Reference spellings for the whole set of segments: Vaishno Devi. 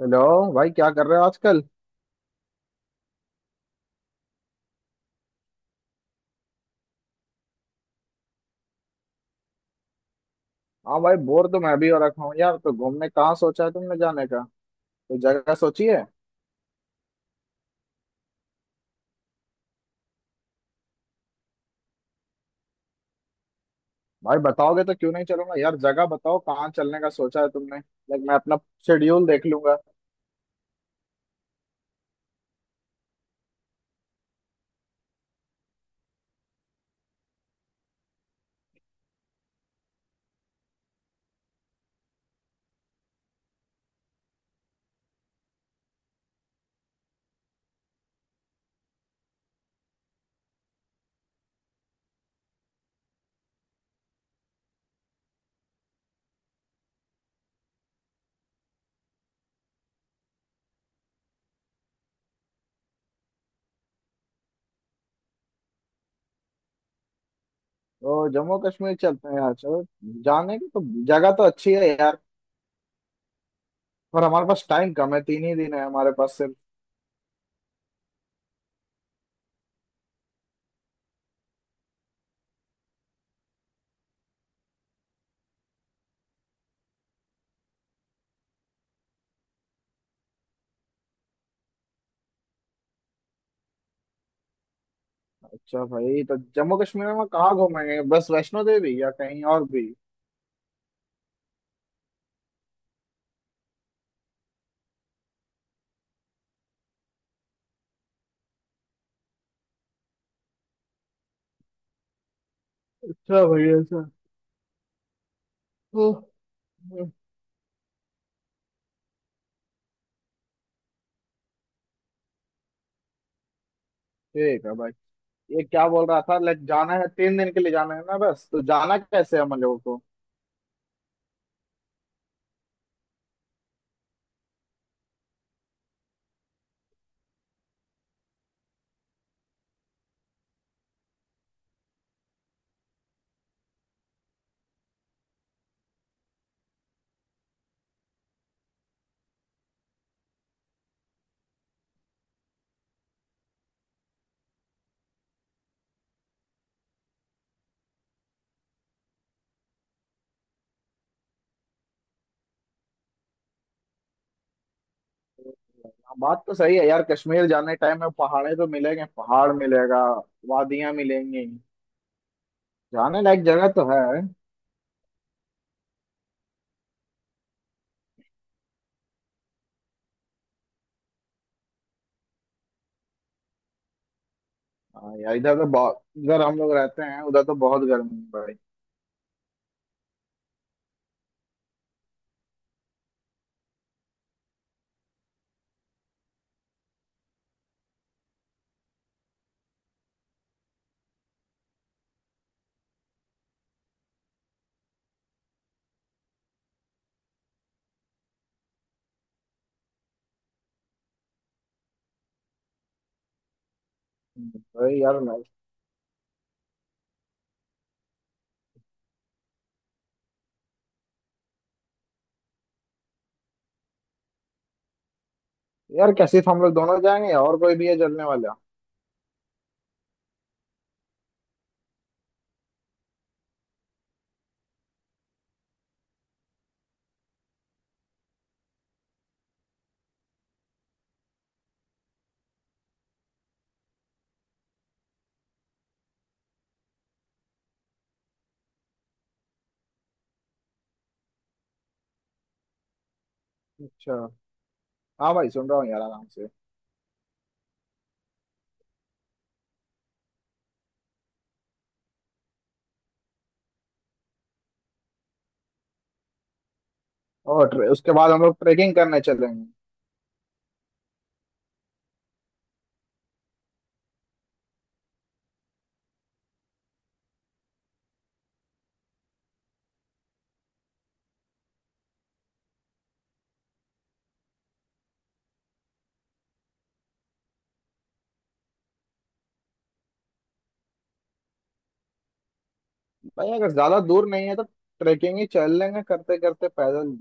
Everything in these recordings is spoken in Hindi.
हेलो। भाई क्या कर रहे हो आजकल? हाँ भाई बोर तो मैं भी हो रखा हूँ यार। तो घूमने कहाँ सोचा है तुमने जाने का? तो जगह सोची है? भाई बताओगे तो क्यों नहीं चलूंगा यार। जगह बताओ कहाँ चलने का सोचा है तुमने। लाइक मैं अपना शेड्यूल देख लूंगा। तो जम्मू कश्मीर चलते हैं यार, चलो। जाने की तो जगह तो अच्छी है यार। पर हमारे पास टाइम कम है, 3 ही दिन है हमारे पास सिर्फ। अच्छा भाई, तो जम्मू कश्मीर में हम कहाँ घूमेंगे, बस वैष्णो देवी या कहीं और भी? अच्छा भाई ऐसा। ओह, ओह, ठीक है भाई। ये क्या बोल रहा था? लाइक जाना है, 3 दिन के लिए जाना है ना बस, तो जाना कैसे है हम लोगों को? हाँ, बात तो सही है यार। कश्मीर जाने टाइम में पहाड़े तो मिलेंगे, पहाड़ मिलेगा, वादियां मिलेंगी, जाने लायक जगह तो है। हाँ यार, इधर तो बहुत, इधर हम लोग रहते हैं उधर तो बहुत गर्मी है भाई। भाई यार मैं, यार कैसे हम लोग दोनों जाएंगे, या और कोई भी है चलने वाला? अच्छा। हाँ भाई सुन रहा हूँ यार आराम से। और उसके बाद हम लोग ट्रेकिंग करने चलेंगे। भाई अगर ज्यादा दूर नहीं है तो ट्रेकिंग ही चल लेंगे करते करते पैदल।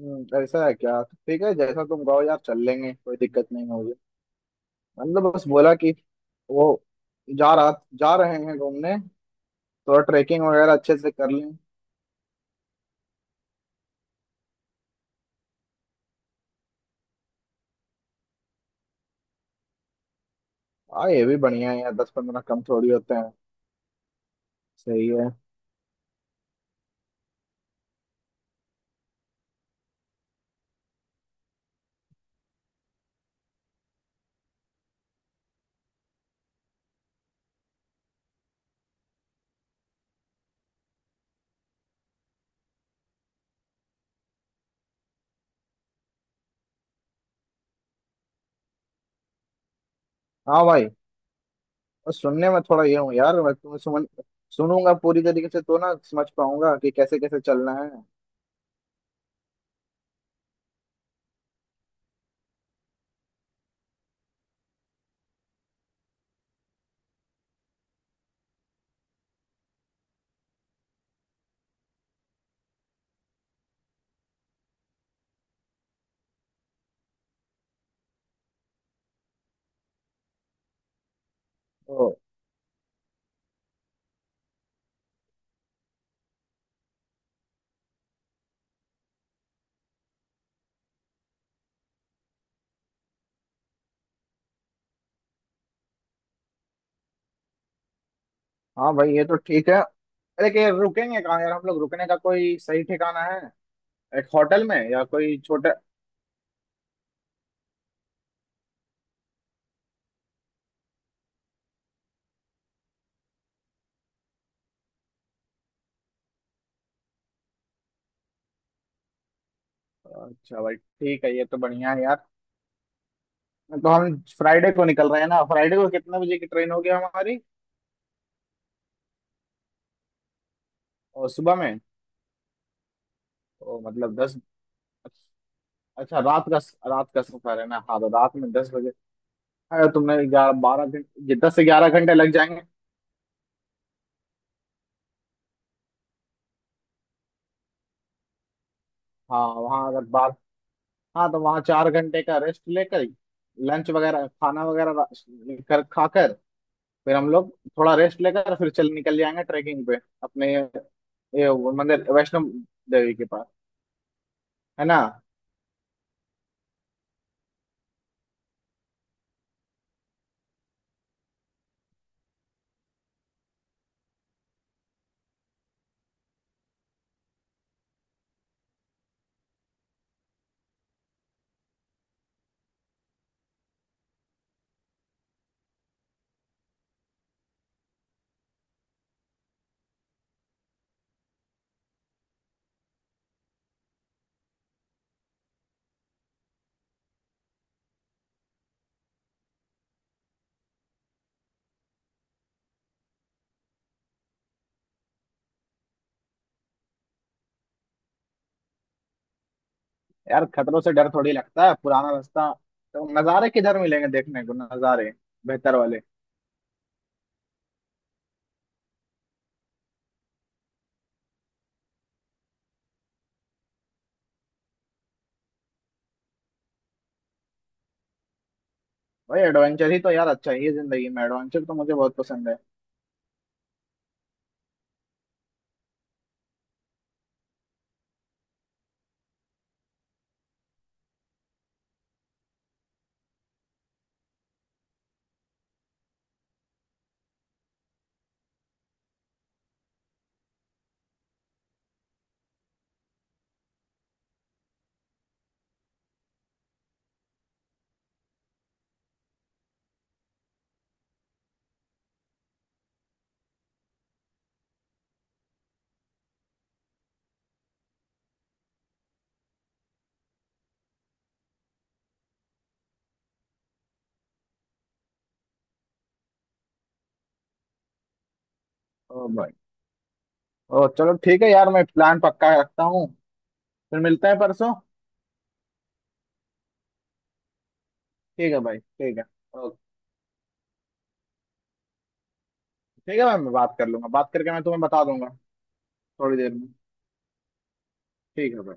ऐसा है क्या? तो ठीक है, जैसा तुम कहो यार, चल लेंगे, कोई दिक्कत नहीं है मुझे। मतलब बस बोला कि वो जा रहा जा रहे हैं घूमने। थोड़ा ट्रैकिंग वगैरह अच्छे से कर लें। हाँ, ये भी बढ़िया है यार, 10 15 कम थोड़ी होते हैं। सही है। हाँ भाई, और सुनने में थोड़ा ये हूँ यार, मैं तुम्हें सुनूंगा पूरी तरीके से तो ना समझ पाऊंगा कि कैसे कैसे चलना है। तो हाँ भाई, ये तो ठीक है। अरे, कि रुकेंगे कहाँ यार हम लोग, रुकने का कोई सही ठिकाना है? एक होटल में या कोई छोटा। अच्छा भाई ठीक है, ये तो बढ़िया है यार। तो हम फ्राइडे को निकल रहे हैं ना? फ्राइडे को कितने बजे की ट्रेन होगी हमारी? और सुबह में? तो मतलब 10। अच्छा, रात का, रात का सफर है ना? हाँ तो रात में 10 बजे, अगर तुमने 11 12 घंटे, ये दस से 11 घंटे लग जाएंगे। हाँ वहाँ अगर बार, हाँ, तो वहाँ 4 घंटे का रेस्ट लेकर लंच वगैरह, खाना वगैरह कर खाकर, फिर हम लोग थोड़ा रेस्ट लेकर फिर चल निकल जाएंगे ट्रैकिंग पे अपने। ये वो मंदिर वैष्णो देवी के पास। है ना यार? खतरों से डर थोड़ी लगता है, पुराना रास्ता। तो नज़ारे किधर मिलेंगे देखने को, नज़ारे बेहतर वाले? भाई एडवेंचर ही तो यार, अच्छा ही है जिंदगी में, एडवेंचर तो मुझे बहुत पसंद है। ओ भाई, ओ चलो ठीक है यार, मैं प्लान पक्का रखता हूँ। फिर मिलते हैं परसों। ठीक है भाई ठीक है। ओके ठीक है भाई, मैं बात कर लूंगा, बात करके मैं तुम्हें बता दूंगा थोड़ी देर में। ठीक है भाई।